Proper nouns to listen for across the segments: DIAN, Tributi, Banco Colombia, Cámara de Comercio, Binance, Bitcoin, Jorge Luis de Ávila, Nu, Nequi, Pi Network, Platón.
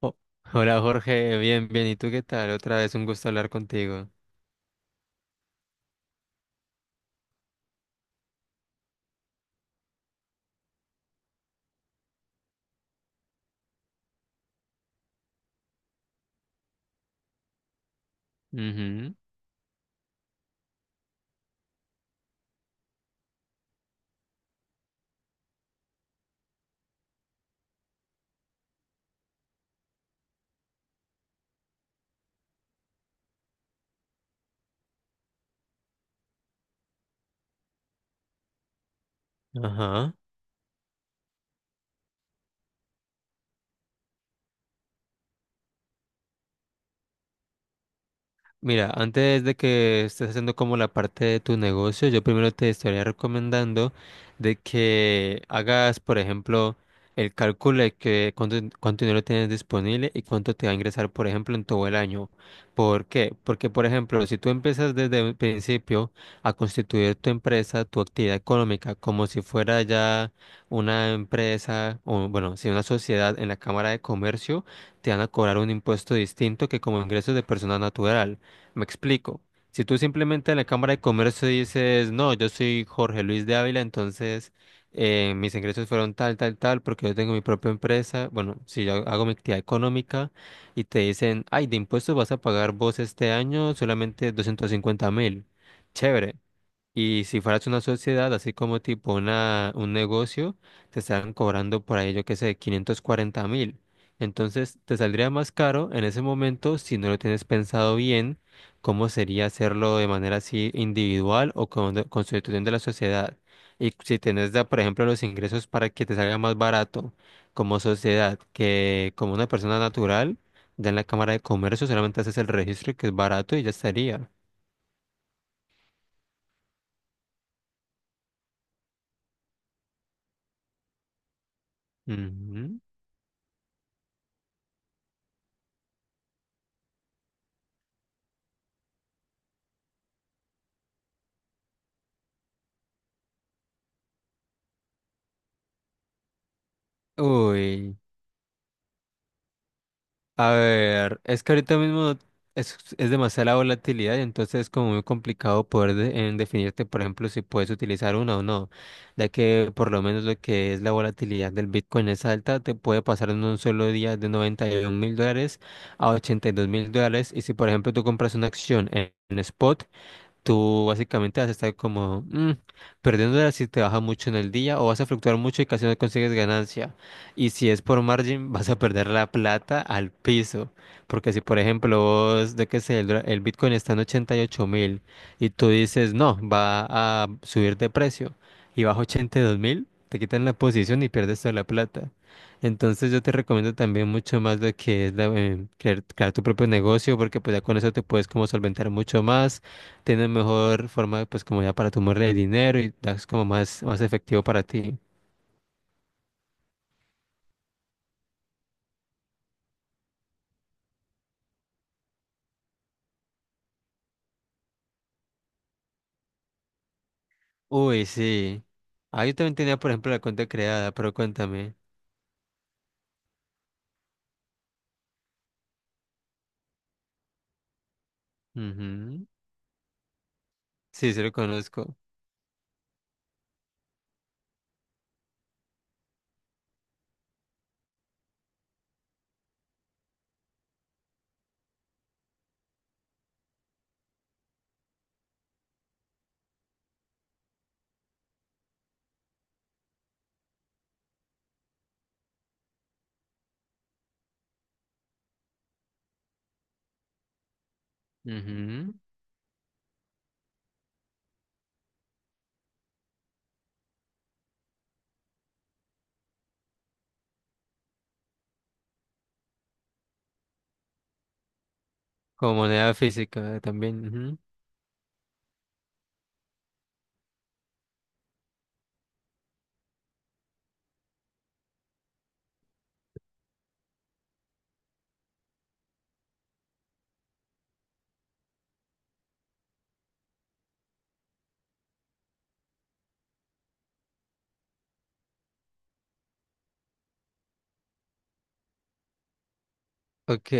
Oh, hola Jorge, bien, bien. ¿Y tú qué tal? Otra vez un gusto hablar contigo. Ujú. Ajá. Mira, antes de que estés haciendo como la parte de tu negocio, yo primero te estaría recomendando de que hagas, por ejemplo, el cálculo de que cuánto dinero tienes disponible y cuánto te va a ingresar, por ejemplo, en todo el año. ¿Por qué? Porque, por ejemplo, si tú empiezas desde el principio a constituir tu empresa, tu actividad económica, como si fuera ya una empresa o, bueno, si una sociedad en la Cámara de Comercio, te van a cobrar un impuesto distinto que como ingresos de persona natural. Me explico. Si tú simplemente en la Cámara de Comercio dices, no, yo soy Jorge Luis de Ávila, entonces mis ingresos fueron tal, tal, tal, porque yo tengo mi propia empresa, bueno, si yo hago mi actividad económica y te dicen, ay, de impuestos vas a pagar vos este año solamente 250.000. Chévere. Y si fueras una sociedad, así como tipo un negocio, te estarán cobrando por ahí, yo qué sé, 540.000. Entonces, te saldría más caro en ese momento si no lo tienes pensado bien, cómo sería hacerlo de manera así individual o con constitución de la sociedad. Y si tienes, por ejemplo, los ingresos para que te salga más barato como sociedad que como una persona natural, ya en la Cámara de Comercio solamente haces el registro que es barato y ya estaría. Ujú. Uy. A ver, es que ahorita mismo es demasiada la volatilidad y entonces es como muy complicado poder en definirte, por ejemplo, si puedes utilizar una o no, ya que por lo menos lo que es la volatilidad del Bitcoin es alta, te puede pasar en un solo día de 91 mil dólares a $82.000 y si por ejemplo tú compras una acción en spot, tú básicamente vas a estar como perdiéndola si te baja mucho en el día o vas a fluctuar mucho y casi no consigues ganancia. Y si es por margin, vas a perder la plata al piso. Porque si, por ejemplo, vos, de qué sé, el Bitcoin está en 88.000 y tú dices, no, va a subir de precio y baja 82.000, te quitan la posición y pierdes toda la plata. Entonces yo te recomiendo también mucho más lo que es crear tu propio negocio porque pues ya con eso te puedes como solventar mucho más tienes mejor forma, pues como ya para tomarle el dinero y das como más efectivo para ti. Uy, sí. Ah, yo también tenía, por ejemplo, la cuenta creada, pero cuéntame. Ujú. Sí, sí lo conozco. Ujú. Como moneda física también. Ujú. Ok.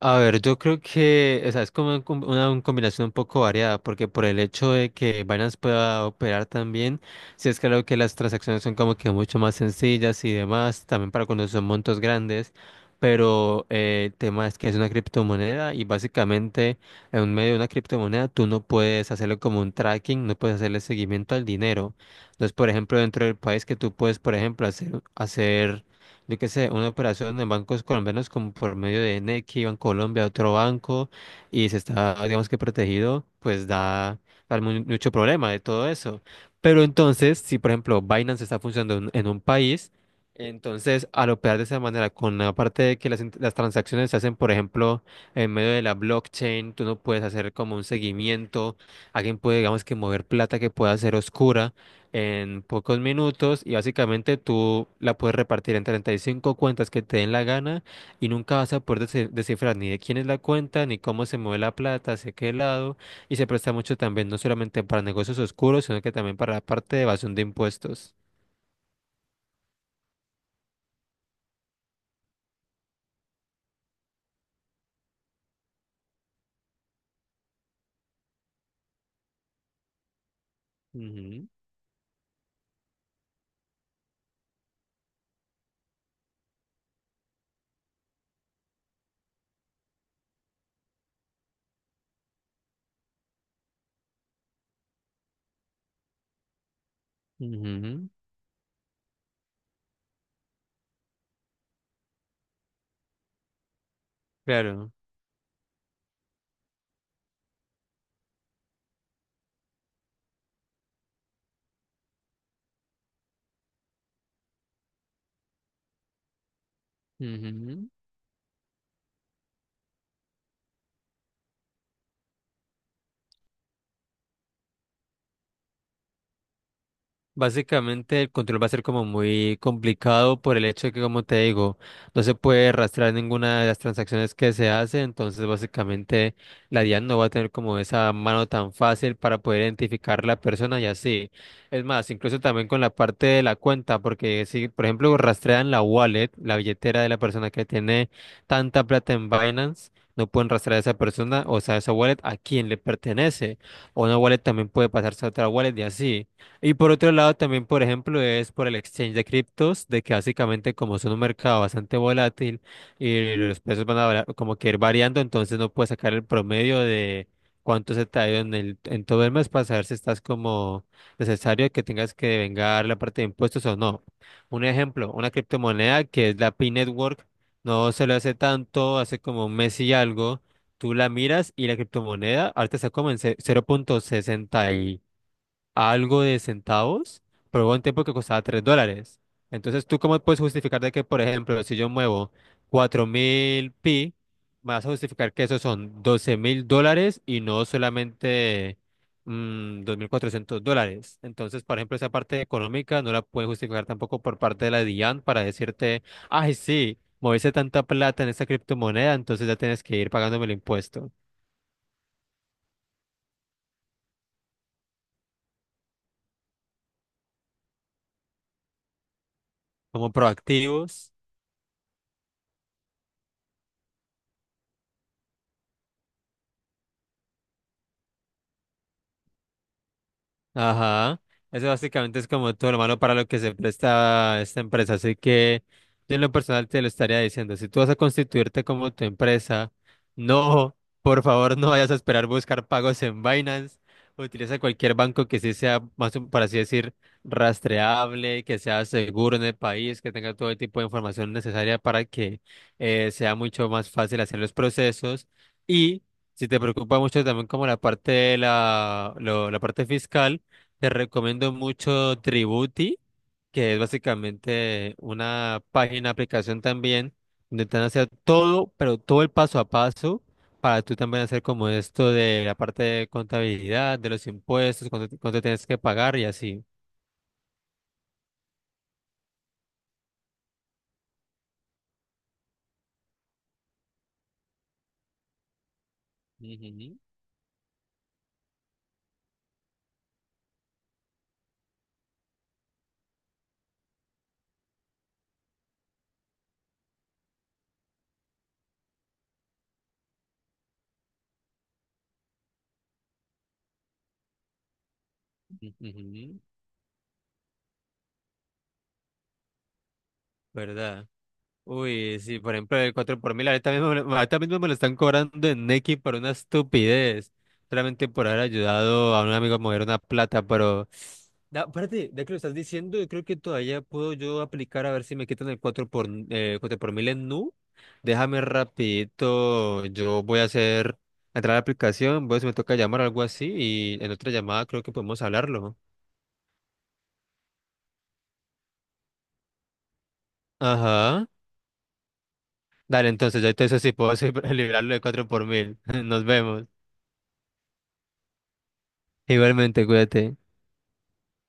A ver, yo creo que, o sea, es como un com- una, un combinación un poco variada, porque por el hecho de que Binance pueda operar también, sí es claro que las transacciones son como que mucho más sencillas y demás, también para cuando son montos grandes, pero el tema es que es una criptomoneda y básicamente en medio de una criptomoneda tú no puedes hacerlo como un tracking, no puedes hacerle seguimiento al dinero. Entonces, por ejemplo, dentro del país que tú puedes, por ejemplo, hacer yo qué sé, una operación en bancos colombianos como por medio de Nequi, Banco Colombia, otro banco, y se está, digamos que protegido, pues mucho problema de todo eso. Pero entonces, si por ejemplo Binance está funcionando en un país, entonces al operar de esa manera, con la parte de que las transacciones se hacen, por ejemplo, en medio de la blockchain, tú no puedes hacer como un seguimiento, alguien puede, digamos que mover plata que pueda ser oscura en pocos minutos y básicamente tú la puedes repartir en 35 cuentas que te den la gana y nunca vas a poder descifrar ni de quién es la cuenta, ni cómo se mueve la plata, hacia qué lado y se presta mucho también no solamente para negocios oscuros, sino que también para la parte de evasión de impuestos. Ujú, ujú, claro. Ujú. Básicamente el control va a ser como muy complicado por el hecho de que, como te digo, no se puede rastrear ninguna de las transacciones que se hace, entonces básicamente la DIAN no va a tener como esa mano tan fácil para poder identificar la persona y así. Es más, incluso también con la parte de la cuenta, porque si, por ejemplo, rastrean la wallet, la billetera de la persona que tiene tanta plata en Binance, no pueden rastrear a esa persona, o sea, esa wallet a quién le pertenece. O una wallet también puede pasarse a otra wallet y así. Y por otro lado, también, por ejemplo, es por el exchange de criptos, de que básicamente como es un mercado bastante volátil y los precios van a como que ir variando, entonces no puedes sacar el promedio de cuánto se te ha ido en todo el mes para saber si estás como necesario que tengas que vengar la parte de impuestos o no. Un ejemplo, una criptomoneda que es la Pi Network, no se lo hace tanto, hace como un mes y algo, tú la miras y la criptomoneda ahorita está como en 0,60 a algo de centavos, pero hubo un tiempo que costaba $3. Entonces, ¿tú cómo puedes justificar de que, por ejemplo, si yo muevo 4.000 pi, me vas a justificar que esos son $12.000 y no solamente $2.400? Entonces, por ejemplo, esa parte económica no la puedes justificar tampoco por parte de la DIAN para decirte, ay, sí, moviste tanta plata en esta criptomoneda, entonces ya tienes que ir pagándome el impuesto. Como proactivos. Ajá, eso básicamente es como todo lo malo para lo que se presta esta empresa. Así que yo en lo personal te lo estaría diciendo, si tú vas a constituirte como tu empresa, no, por favor, no vayas a esperar buscar pagos en Binance. Utiliza cualquier banco que sí sea, más, por así decir, rastreable, que sea seguro en el país, que tenga todo el tipo de información necesaria para que sea mucho más fácil hacer los procesos. Y si te preocupa mucho también como la parte de la parte fiscal, te recomiendo mucho Tributi, que es básicamente una página, aplicación también, donde te van a hacer todo, pero todo el paso a paso, para tú también hacer como esto de la parte de contabilidad, de los impuestos, cuánto tienes que pagar y así. Ujú, ujú, ¿verdad? Uy, sí, por ejemplo, el 4 por mil, ahorita mismo, ahorita mismo me lo están cobrando en Nequi por una estupidez, solamente por haber ayudado a un amigo a mover una plata, pero... Aparte, ya que lo estás diciendo, yo creo que todavía puedo yo aplicar a ver si me quitan el 4 por mil en Nu. Déjame rapidito, yo voy a hacer, entrar a la aplicación, voy a ver si me toca llamar o algo así y en otra llamada creo que podemos hablarlo. Ajá. Dale, entonces ya entonces sí puedo liberarlo de 4 por mil. Nos vemos. Igualmente, cuídate.